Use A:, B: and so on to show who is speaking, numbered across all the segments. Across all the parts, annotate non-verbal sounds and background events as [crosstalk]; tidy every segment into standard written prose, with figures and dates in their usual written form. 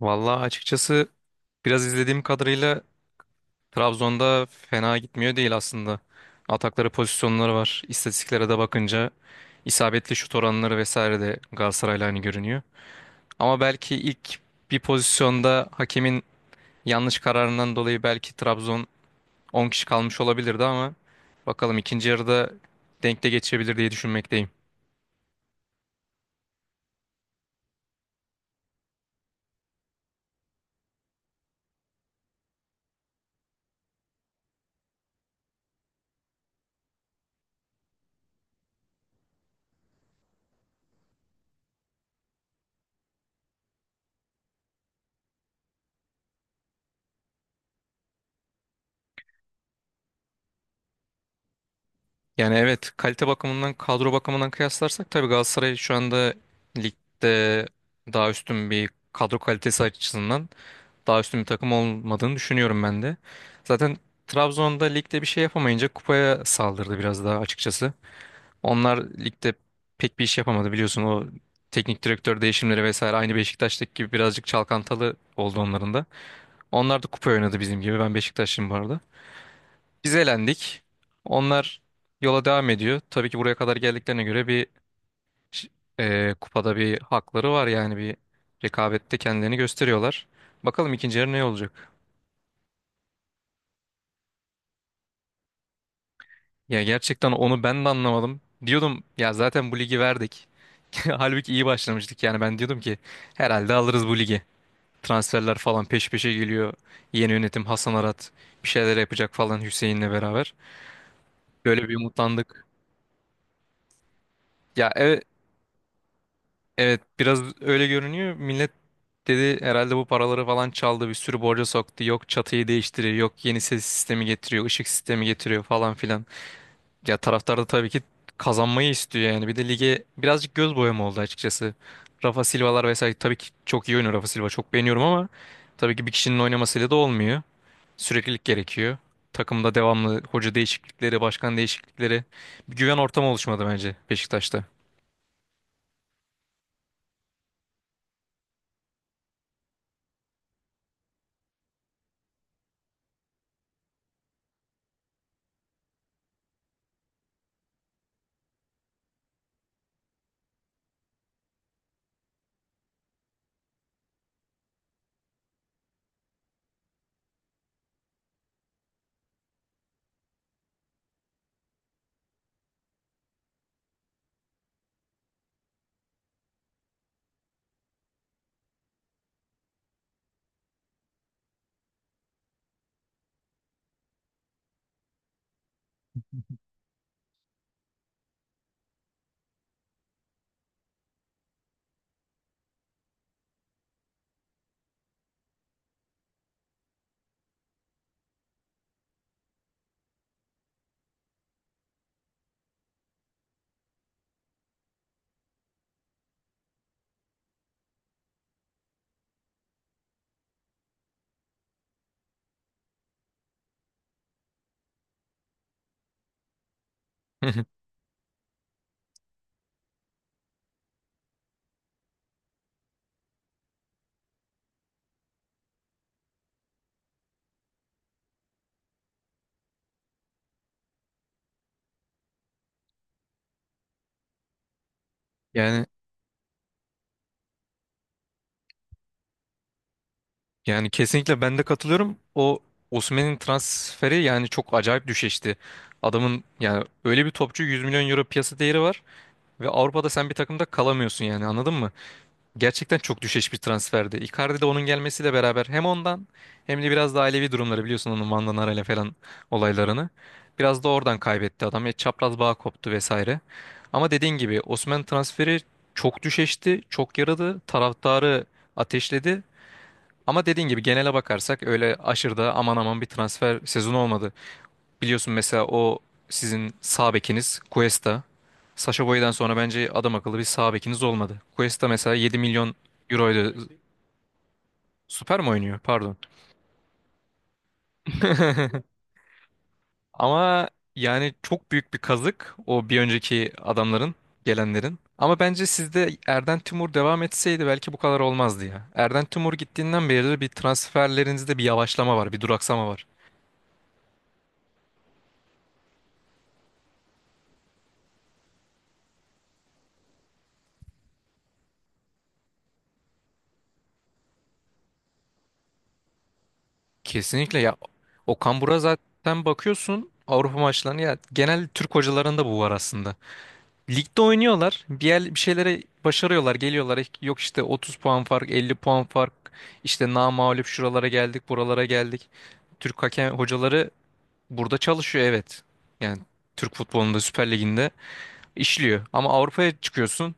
A: Vallahi açıkçası biraz izlediğim kadarıyla Trabzon'da fena gitmiyor değil aslında. Atakları pozisyonları var. İstatistiklere de bakınca isabetli şut oranları vesaire de Galatasaray'la aynı görünüyor. Ama belki ilk bir pozisyonda hakemin yanlış kararından dolayı belki Trabzon 10 kişi kalmış olabilirdi ama bakalım ikinci yarıda denk de geçebilir diye düşünmekteyim. Yani evet, kalite bakımından kadro bakımından kıyaslarsak tabii Galatasaray şu anda ligde daha üstün bir kadro kalitesi açısından daha üstün bir takım olmadığını düşünüyorum ben de. Zaten Trabzon'da ligde bir şey yapamayınca kupaya saldırdı biraz daha açıkçası. Onlar ligde pek bir iş yapamadı, biliyorsun o teknik direktör değişimleri vesaire aynı Beşiktaş'taki gibi birazcık çalkantalı oldu onların da. Onlar da kupa oynadı bizim gibi, ben Beşiktaşlıyım bu arada. Biz elendik. Onlar yola devam ediyor. Tabii ki buraya kadar geldiklerine göre ş- kupada bir hakları var, yani bir rekabette kendilerini gösteriyorlar. Bakalım ikinci yarı ne olacak? Ya gerçekten onu ben de anlamadım. Diyordum ya, zaten bu ligi verdik. [laughs] Halbuki iyi başlamıştık, yani ben diyordum ki herhalde alırız bu ligi. Transferler falan peş peşe geliyor. Yeni yönetim Hasan Arat bir şeyler yapacak falan Hüseyin'le beraber. Böyle bir umutlandık. Ya evet. Evet, biraz öyle görünüyor. Millet dedi herhalde bu paraları falan çaldı, bir sürü borca soktu. Yok çatıyı değiştiriyor, yok yeni ses sistemi getiriyor, ışık sistemi getiriyor falan filan. Ya taraftar da tabii ki kazanmayı istiyor yani. Bir de lige birazcık göz boyama oldu açıkçası. Rafa Silva'lar vesaire tabii ki çok iyi oynuyor, Rafa Silva çok beğeniyorum ama tabii ki bir kişinin oynamasıyla da olmuyor. Süreklilik gerekiyor. Takımda devamlı hoca değişiklikleri, başkan değişiklikleri, bir güven ortamı oluşmadı bence Beşiktaş'ta. [laughs] Yani Yani kesinlikle ben de katılıyorum. O Osimhen'in transferi yani çok acayip düşüştü. Adamın yani öyle bir topçu, 100 milyon euro piyasa değeri var ve Avrupa'da sen bir takımda kalamıyorsun yani, anladın mı? Gerçekten çok düşeş bir transferdi. Icardi de onun gelmesiyle beraber hem ondan hem de biraz da ailevi durumları, biliyorsun onun Van Danara ile falan olaylarını. Biraz da oradan kaybetti adam. Ya çapraz bağ koptu vesaire. Ama dediğin gibi Osimhen transferi çok düşeşti, çok yaradı. Taraftarı ateşledi ama dediğin gibi genele bakarsak öyle aşırıda aman aman bir transfer sezonu olmadı. Biliyorsun mesela o sizin sağ bekiniz Cuesta. Sacha Boey'den sonra bence adam akıllı bir sağ bekiniz olmadı. Cuesta mesela 7 milyon euroydu. Süper mi oynuyor? Pardon. [laughs] Ama yani çok büyük bir kazık o bir önceki adamların, gelenlerin. Ama bence sizde Erden Timur devam etseydi belki bu kadar olmazdı ya. Erden Timur gittiğinden beri bir transferlerinizde bir yavaşlama var, bir duraksama var. Kesinlikle ya, Okan Buruk'a zaten bakıyorsun Avrupa maçlarına, ya genel Türk hocalarında bu var aslında. Ligde oynuyorlar bir, yer, bir şeylere başarıyorlar, geliyorlar yok işte 30 puan fark, 50 puan fark, işte namağlup şuralara geldik buralara geldik. Türk hakem hocaları burada çalışıyor, evet, yani Türk futbolunda, Süper Lig'inde işliyor ama Avrupa'ya çıkıyorsun,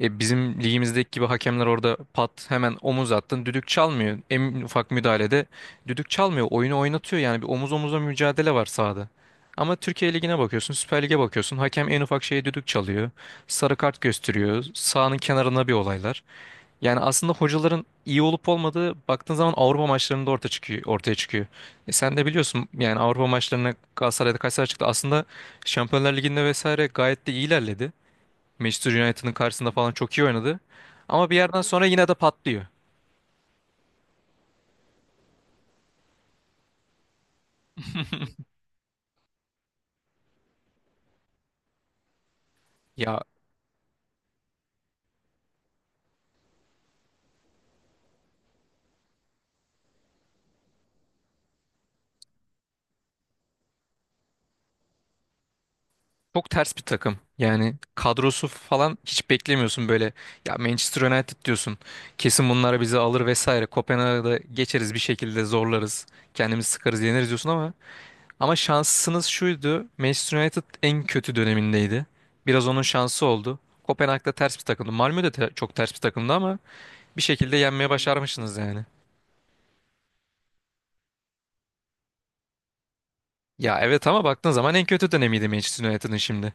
A: bizim ligimizdeki gibi hakemler orada pat hemen omuz attın düdük çalmıyor. En ufak müdahalede düdük çalmıyor. Oyunu oynatıyor, yani bir omuz omuza mücadele var sahada. Ama Türkiye Ligi'ne bakıyorsun, Süper Lig'e bakıyorsun. Hakem en ufak şeye düdük çalıyor. Sarı kart gösteriyor. Sahanın kenarına bir olaylar. Yani aslında hocaların iyi olup olmadığı, baktığın zaman Avrupa maçlarında ortaya çıkıyor, ortaya çıkıyor. E sen de biliyorsun yani Avrupa maçlarına Galatasaray'da kaç sene çıktı. Aslında Şampiyonlar Ligi'nde vesaire gayet de iyi ilerledi. Manchester United'ın karşısında falan çok iyi oynadı. Ama bir yerden sonra yine de patlıyor. Ya çok ters bir takım. Yani kadrosu falan hiç beklemiyorsun böyle. Ya Manchester United diyorsun. Kesin bunlar bizi alır vesaire. Kopenhag'da geçeriz bir şekilde, zorlarız. Kendimizi sıkarız, yeneriz diyorsun ama. Ama şansınız şuydu. Manchester United en kötü dönemindeydi. Biraz onun şansı oldu. Kopenhag'da ters bir takımdı. Malmö de çok ters bir takımdı ama bir şekilde yenmeye başarmışsınız yani. Ya evet ama baktığın zaman en kötü dönemiydi Manchester United'ın şimdi.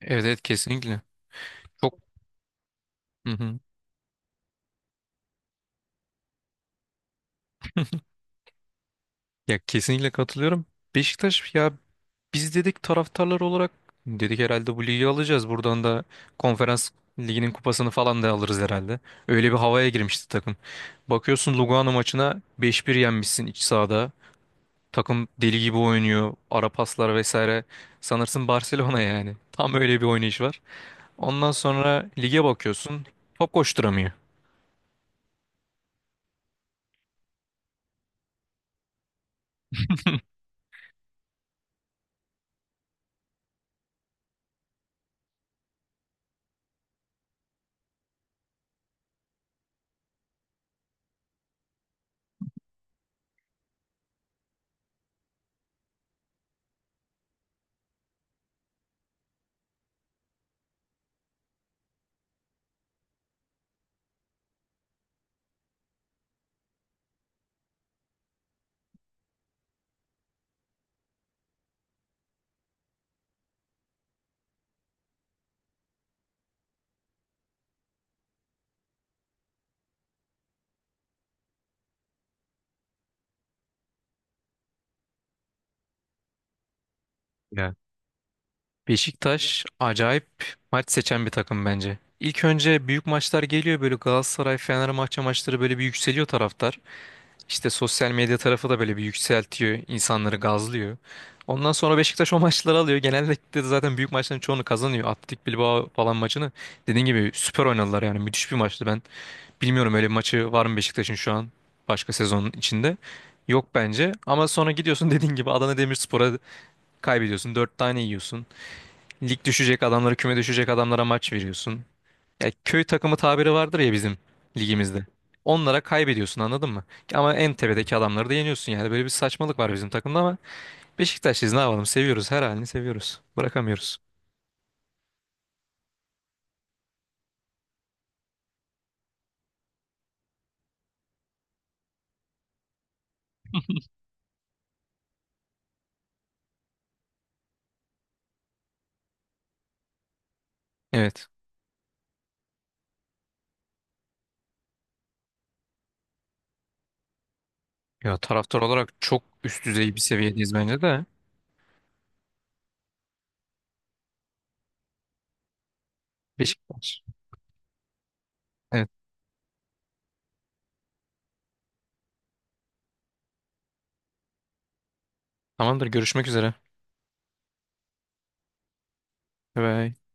A: Evet evet, kesinlikle. Çok Hı hı. [laughs] Ya kesinlikle katılıyorum. Beşiktaş ya, biz dedik taraftarlar olarak, dedik herhalde bu ligi alacağız. Buradan da konferans liginin kupasını falan da alırız herhalde. Öyle bir havaya girmişti takım. Bakıyorsun Lugano maçına 5-1 yenmişsin iç sahada. Takım deli gibi oynuyor. Ara paslar vesaire. Sanırsın Barcelona yani. Tam öyle bir oynayış var. Ondan sonra lige bakıyorsun. Top koşturamıyor. Ya. Beşiktaş acayip maç seçen bir takım bence. İlk önce büyük maçlar geliyor, böyle Galatasaray Fenerbahçe maçları, böyle bir yükseliyor taraftar. İşte sosyal medya tarafı da böyle bir yükseltiyor, insanları gazlıyor. Ondan sonra Beşiktaş [laughs] o maçları alıyor. Genellikle de zaten büyük maçların çoğunu kazanıyor. Atletik Bilbao falan maçını dediğin gibi süper oynadılar, yani müthiş bir maçtı ben. Bilmiyorum öyle bir maçı var mı Beşiktaş'ın şu an başka sezonun içinde. Yok bence, ama sonra gidiyorsun [laughs] dediğin gibi Adana Demirspor'a kaybediyorsun. Dört tane yiyorsun. Lig düşecek adamlara, küme düşecek adamlara maç veriyorsun. Ya köy takımı tabiri vardır ya bizim ligimizde. Onlara kaybediyorsun, anladın mı? Ama en tepedeki adamları da yeniyorsun yani. Böyle bir saçmalık var bizim takımda ama Beşiktaşlıyız, ne yapalım, seviyoruz, her halini seviyoruz. Bırakamıyoruz. Evet. Ya taraftar olarak çok üst düzey bir seviyedeyiz bence de. Beşiktaş. Evet. Tamamdır, görüşmek üzere. Bye. Bye.